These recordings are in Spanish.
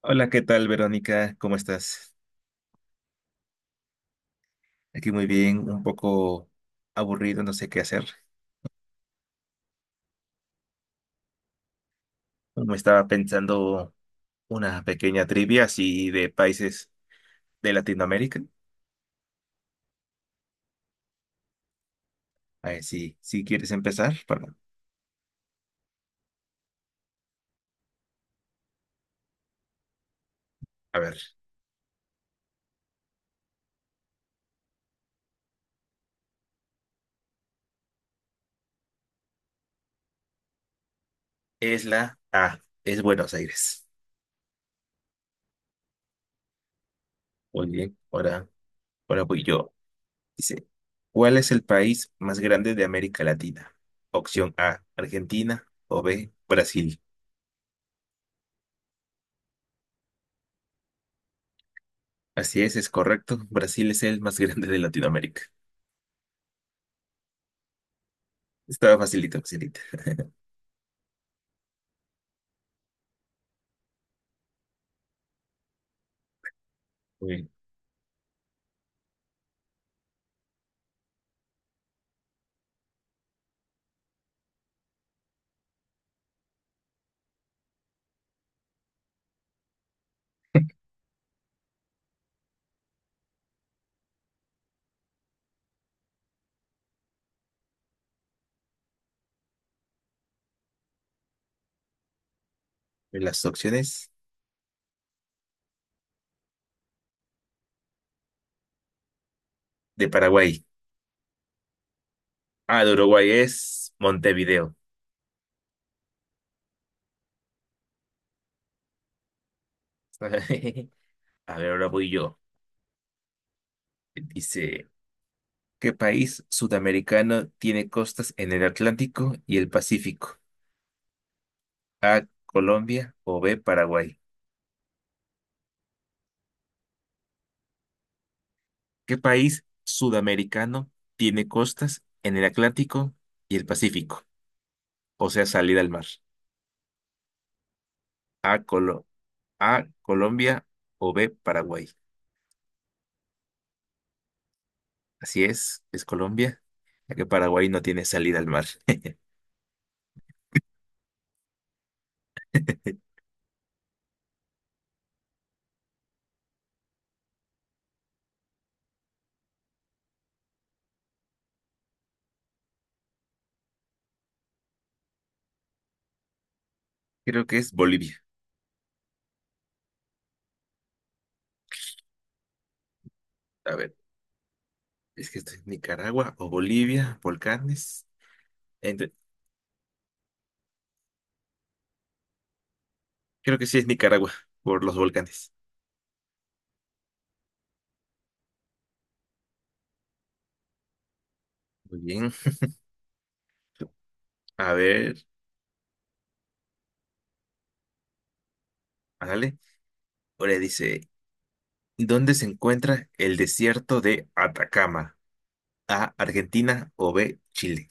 Hola, ¿qué tal, Verónica? ¿Cómo estás? Aquí muy bien, un poco aburrido, no sé qué hacer. Me estaba pensando una pequeña trivia así de países de Latinoamérica. A ver si quieres empezar. A ver, es la A, es Buenos Aires. Muy bien, ahora, ahora voy yo. Dice, ¿cuál es el país más grande de América Latina? Opción A, Argentina o B, Brasil. Así es correcto. Brasil es el más grande de Latinoamérica. Estaba facilita, facilita. Muy De Las opciones de Paraguay. Ah, de Uruguay es Montevideo. A ver, ahora voy yo. Dice, ¿qué país sudamericano tiene costas en el Atlántico y el Pacífico? A, Colombia o B, Paraguay. ¿Qué país sudamericano tiene costas en el Atlántico y el Pacífico? O sea, salida al mar. A, Colo- A, Colombia o B, Paraguay. Así es Colombia, ya que Paraguay no tiene salida al mar. Creo que es Bolivia. A ver, es que esto es Nicaragua o Bolivia, volcanes. Entre- creo que sí es Nicaragua, por los volcanes. Muy bien. A ver, dale. Ahora dice, ¿dónde se encuentra el desierto de Atacama? A, Argentina o B, Chile.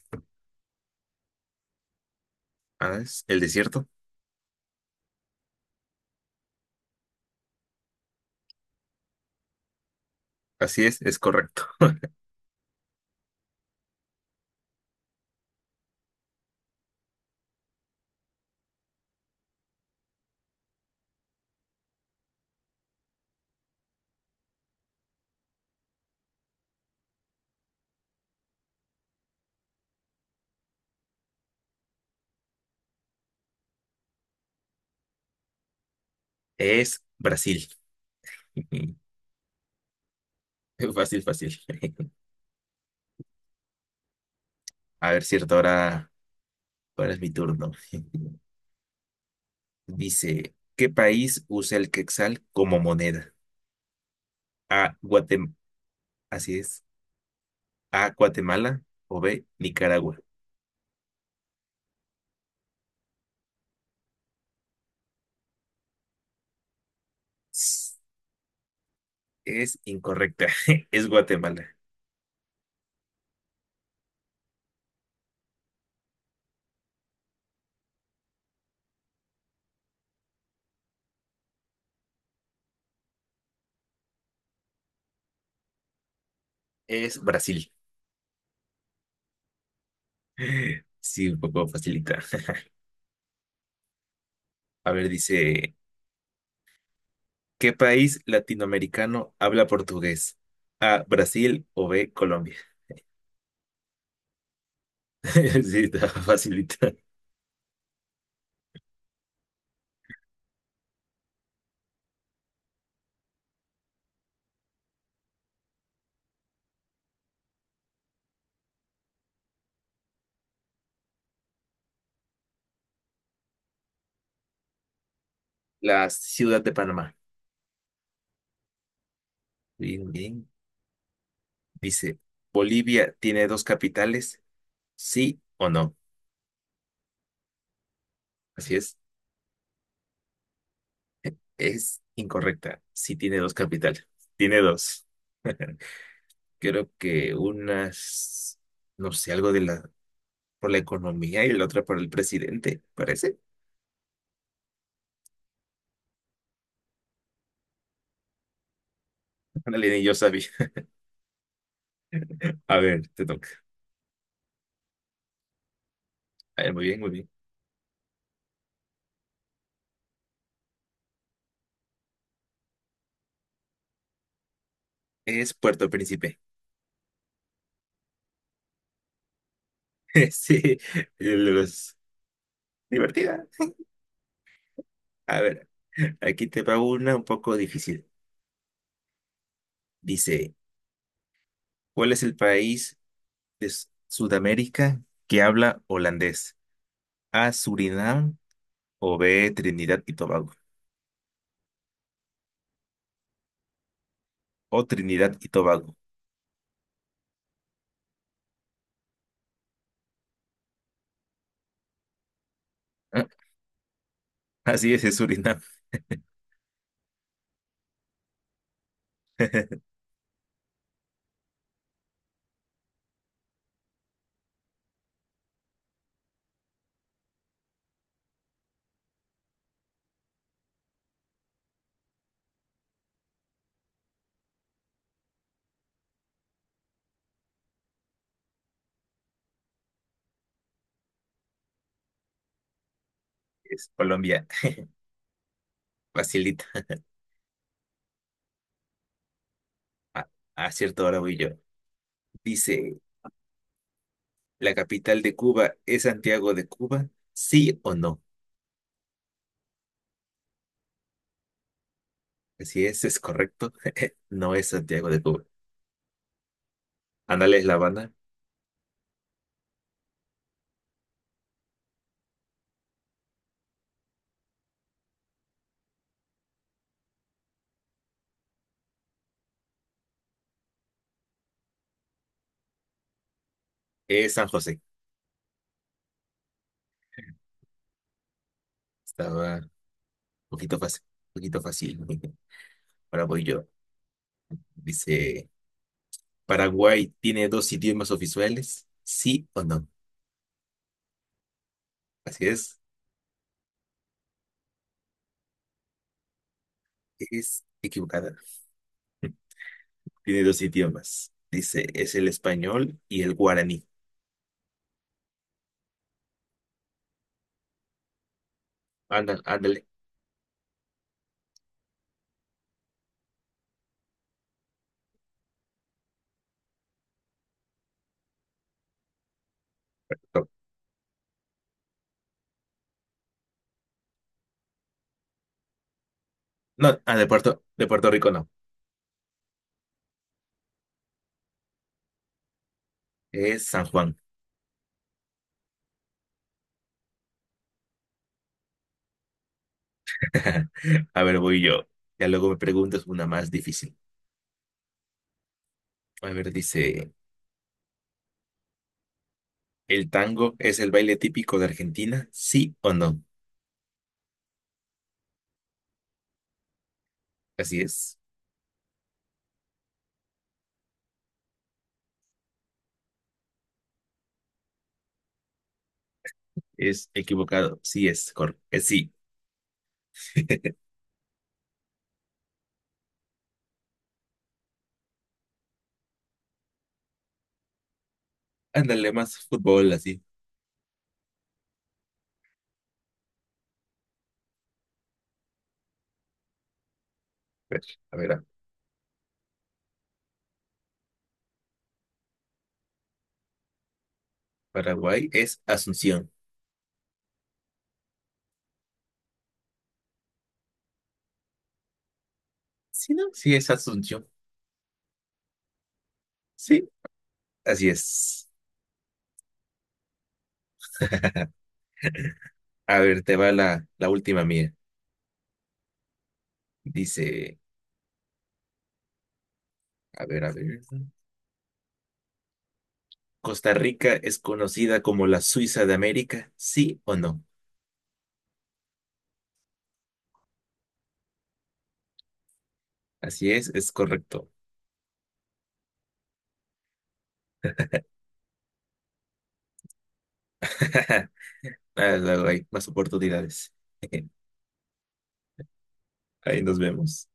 Ah, es el desierto. Así es correcto. Es Brasil. Fácil, fácil. A ver, cierto, ahora, ahora es mi turno. Dice, ¿qué país usa el quetzal como moneda? A, Guatemala, así es. A, Guatemala o B, Nicaragua. S- Es incorrecta. Es Guatemala. Es Brasil. Sí, un poco facilita. A ver, dice, ¿qué país latinoamericano habla portugués? A, Brasil o B, Colombia. Sí, está facilita. La ciudad de Panamá. Bien, bien. Dice, ¿Bolivia tiene dos capitales? ¿Sí o no? Así es. Es incorrecta. Sí tiene dos capitales. Tiene dos. Creo que unas, no sé, algo de la, por la economía y la otra por el presidente, parece. Ándale, ni yo sabía. A ver, te toca. A ver, muy bien, muy bien. Es Puerto Príncipe. Sí, los... divertida. A ver, aquí te va una un poco difícil. Dice, ¿cuál es el país de Sudamérica que habla holandés? A, Surinam o B, Trinidad y Tobago. O Trinidad y Tobago. Ah, Así es Surinam, es Colombia. Facilita. A, a cierta hora voy yo. Dice, ¿la capital de Cuba es Santiago de Cuba? ¿Sí o no? Así es correcto. No es Santiago de Cuba. Ándale, es La Habana, es San José. Estaba un poquito fácil, un poquito fácil. Ahora voy yo. Dice, ¿Paraguay tiene dos idiomas oficiales? ¿Sí o no? Así es equivocada. Tiene dos idiomas. Dice, es el español y el guaraní. Ándale, ándale. No, ah, de de Puerto Rico no. Es San Juan. A ver, voy yo. Ya luego me preguntas una más difícil. A ver, dice, ¿el tango es el baile típico de Argentina? ¿Sí o no? Así es. Es equivocado. Sí es, correcto. Sí. Ándale, más fútbol así. A ver, a ver, ah, Paraguay es Asunción. ¿Sí, no? Sí es Asunción. Sí, así es. A ver, te va la última mía. Dice, a ver, a ver. ¿Costa Rica es conocida como la Suiza de América? ¿Sí o no? Así es correcto. Ah, luego hay más oportunidades. Ahí nos vemos.